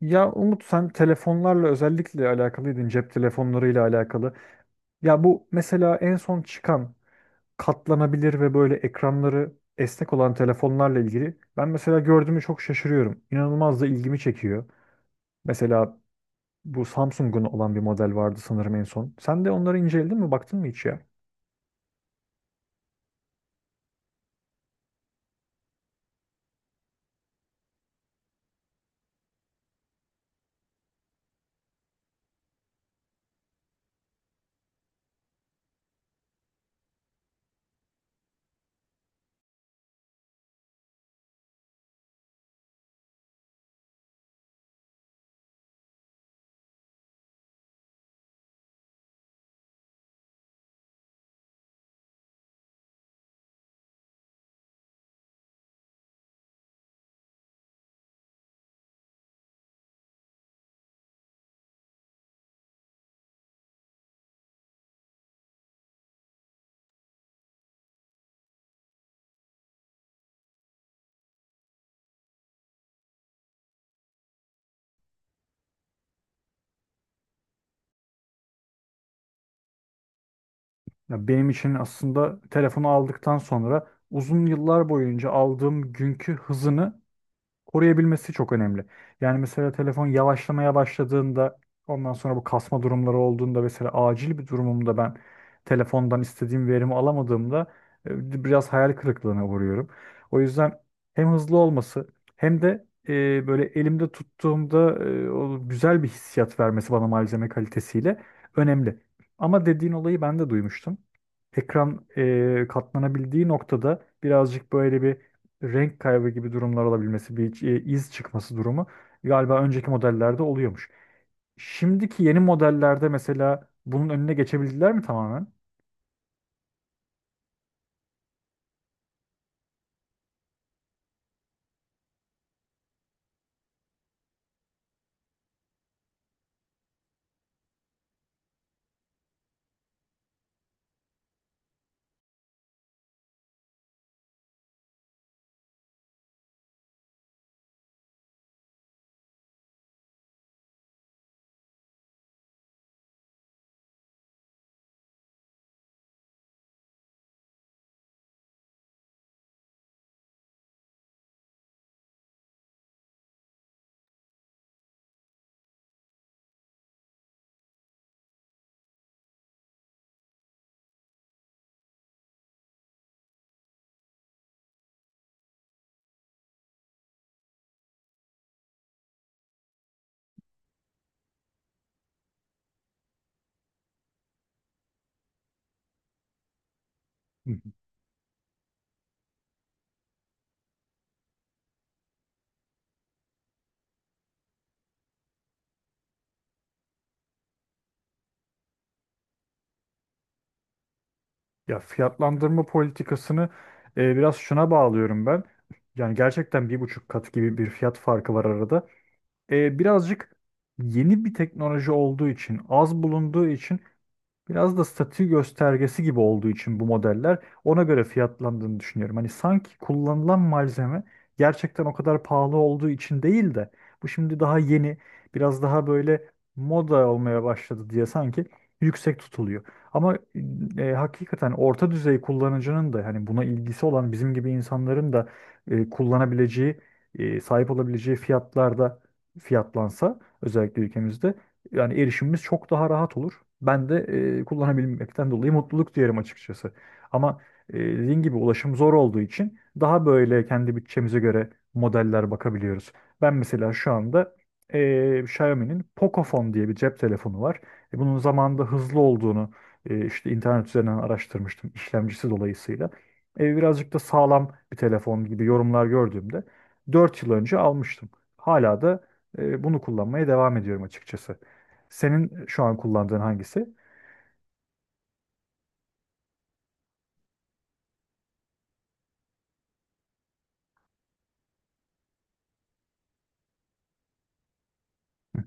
Ya Umut sen telefonlarla özellikle alakalıydın cep telefonlarıyla alakalı. Ya bu mesela en son çıkan katlanabilir ve böyle ekranları esnek olan telefonlarla ilgili ben mesela gördüğümü çok şaşırıyorum. İnanılmaz da ilgimi çekiyor. Mesela bu Samsung'un olan bir model vardı sanırım en son. Sen de onları inceledin mi baktın mı hiç ya? Ya benim için aslında telefonu aldıktan sonra uzun yıllar boyunca aldığım günkü hızını koruyabilmesi çok önemli. Yani mesela telefon yavaşlamaya başladığında ondan sonra bu kasma durumları olduğunda mesela acil bir durumumda ben telefondan istediğim verimi alamadığımda biraz hayal kırıklığına uğruyorum. O yüzden hem hızlı olması hem de böyle elimde tuttuğumda o güzel bir hissiyat vermesi bana malzeme kalitesiyle önemli. Ama dediğin olayı ben de duymuştum. Ekran katlanabildiği noktada birazcık böyle bir renk kaybı gibi durumlar olabilmesi, bir iz çıkması durumu galiba önceki modellerde oluyormuş. Şimdiki yeni modellerde mesela bunun önüne geçebildiler mi tamamen? Hı hı. Ya fiyatlandırma politikasını biraz şuna bağlıyorum ben. Yani gerçekten 1,5 kat gibi bir fiyat farkı var arada. Birazcık yeni bir teknoloji olduğu için, az bulunduğu için biraz da statü göstergesi gibi olduğu için bu modeller ona göre fiyatlandığını düşünüyorum. Hani sanki kullanılan malzeme gerçekten o kadar pahalı olduğu için değil de bu şimdi daha yeni, biraz daha böyle moda olmaya başladı diye sanki yüksek tutuluyor. Ama hakikaten orta düzey kullanıcının da hani buna ilgisi olan bizim gibi insanların da kullanabileceği, sahip olabileceği fiyatlarda fiyatlansa özellikle ülkemizde yani erişimimiz çok daha rahat olur. Ben de kullanabilmekten dolayı mutluluk duyarım açıkçası. Ama dediğin gibi ulaşım zor olduğu için daha böyle kendi bütçemize göre modeller bakabiliyoruz. Ben mesela şu anda Xiaomi'nin Pocophone diye bir cep telefonu var. Bunun zamanında hızlı olduğunu işte internet üzerinden araştırmıştım işlemcisi dolayısıyla. Birazcık da sağlam bir telefon gibi yorumlar gördüğümde 4 yıl önce almıştım. Hala da bunu kullanmaya devam ediyorum açıkçası. Senin şu an kullandığın hangisi? Hı hı,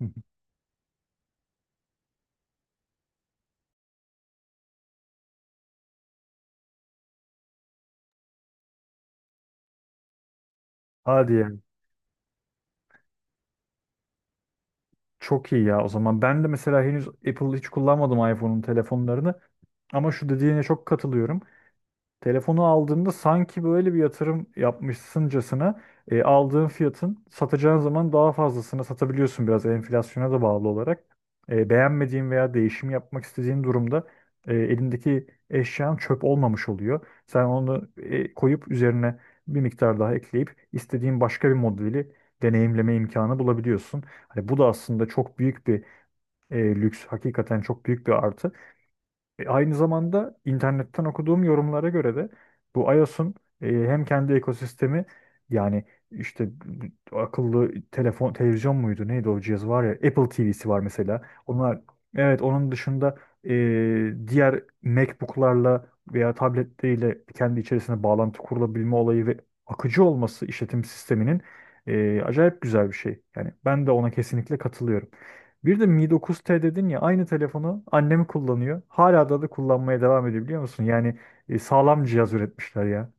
hı hı. Hadi ya. Çok iyi ya. O zaman ben de mesela henüz Apple hiç kullanmadım iPhone'un telefonlarını. Ama şu dediğine çok katılıyorum. Telefonu aldığında sanki böyle bir yatırım yapmışsıncasına aldığın fiyatın satacağın zaman daha fazlasını satabiliyorsun biraz enflasyona da bağlı olarak. Beğenmediğin veya değişim yapmak istediğin durumda elindeki eşyan çöp olmamış oluyor. Sen onu koyup üzerine bir miktar daha ekleyip istediğin başka bir modeli deneyimleme imkanı bulabiliyorsun. Hani bu da aslında çok büyük bir lüks, hakikaten çok büyük bir artı. Aynı zamanda internetten okuduğum yorumlara göre de bu iOS'un hem kendi ekosistemi yani işte akıllı telefon televizyon muydu neydi o cihaz var ya Apple TV'si var mesela. Onlar evet onun dışında e, diğer MacBook'larla veya tabletleriyle kendi içerisine bağlantı kurulabilme olayı ve akıcı olması işletim sisteminin acayip güzel bir şey. Yani ben de ona kesinlikle katılıyorum. Bir de Mi 9T dedin ya aynı telefonu annem kullanıyor. Hala da kullanmaya devam ediyor biliyor musun? Yani sağlam cihaz üretmişler ya.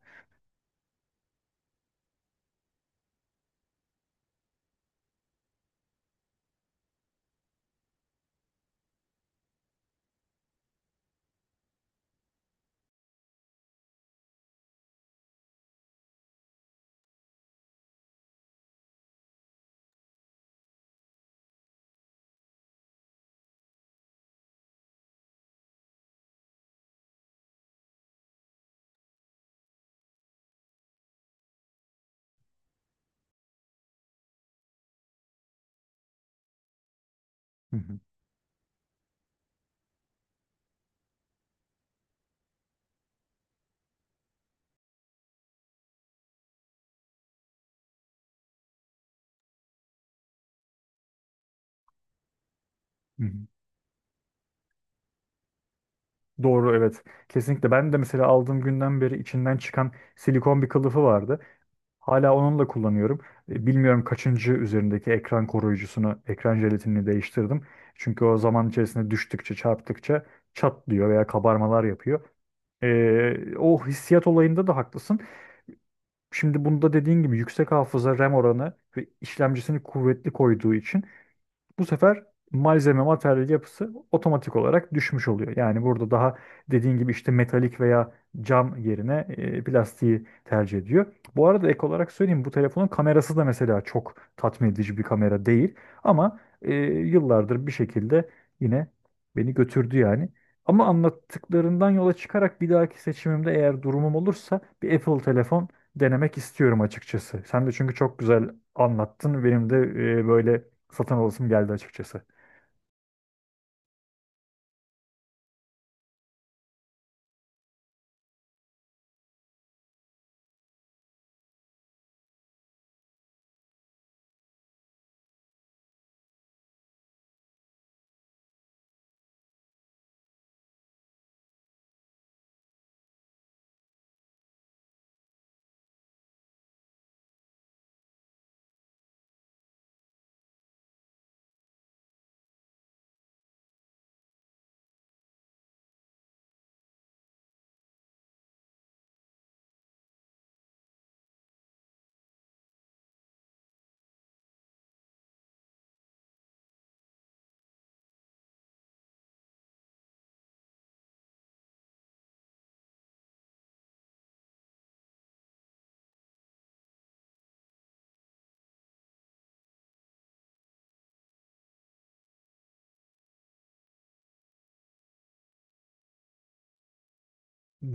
Hı hı, hı hı. Doğru evet. Kesinlikle ben de mesela aldığım günden beri içinden çıkan silikon bir kılıfı vardı. Hala onunla kullanıyorum. Bilmiyorum kaçıncı üzerindeki ekran koruyucusunu, ekran jelatinini değiştirdim. Çünkü o zaman içerisinde düştükçe, çarptıkça çatlıyor veya kabarmalar yapıyor. O hissiyat olayında da haklısın. Şimdi bunda dediğin gibi yüksek hafıza RAM oranı ve işlemcisini kuvvetli koyduğu için bu sefer malzeme materyal yapısı otomatik olarak düşmüş oluyor. Yani burada daha dediğin gibi işte metalik veya cam yerine plastiği tercih ediyor. Bu arada ek olarak söyleyeyim bu telefonun kamerası da mesela çok tatmin edici bir kamera değil. Ama yıllardır bir şekilde yine beni götürdü yani. Ama anlattıklarından yola çıkarak bir dahaki seçimimde eğer durumum olursa bir Apple telefon denemek istiyorum açıkçası. Sen de çünkü çok güzel anlattın. Benim de böyle satın alasım geldi açıkçası.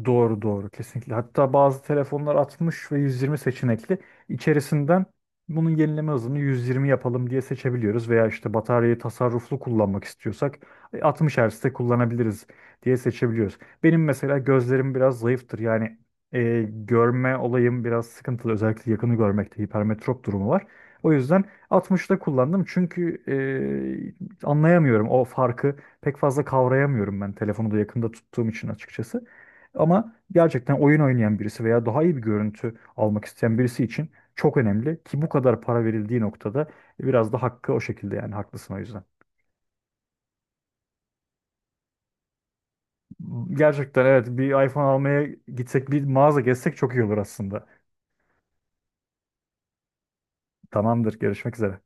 Doğru doğru, kesinlikle. Hatta bazı telefonlar 60 ve 120 seçenekli. İçerisinden bunun yenileme hızını 120 yapalım diye seçebiliyoruz veya işte bataryayı tasarruflu kullanmak istiyorsak 60 Hz'de kullanabiliriz diye seçebiliyoruz. Benim mesela gözlerim biraz zayıftır. Yani görme olayım biraz sıkıntılı. Özellikle yakını görmekte hipermetrop durumu var. O yüzden 60'da kullandım çünkü anlayamıyorum o farkı. Pek fazla kavrayamıyorum ben telefonu da yakında tuttuğum için açıkçası. Ama gerçekten oyun oynayan birisi veya daha iyi bir görüntü almak isteyen birisi için çok önemli ki bu kadar para verildiği noktada biraz da hakkı o şekilde yani haklısın o yüzden. Gerçekten evet bir iPhone almaya gitsek bir mağaza gezsek çok iyi olur aslında. Tamamdır, görüşmek üzere.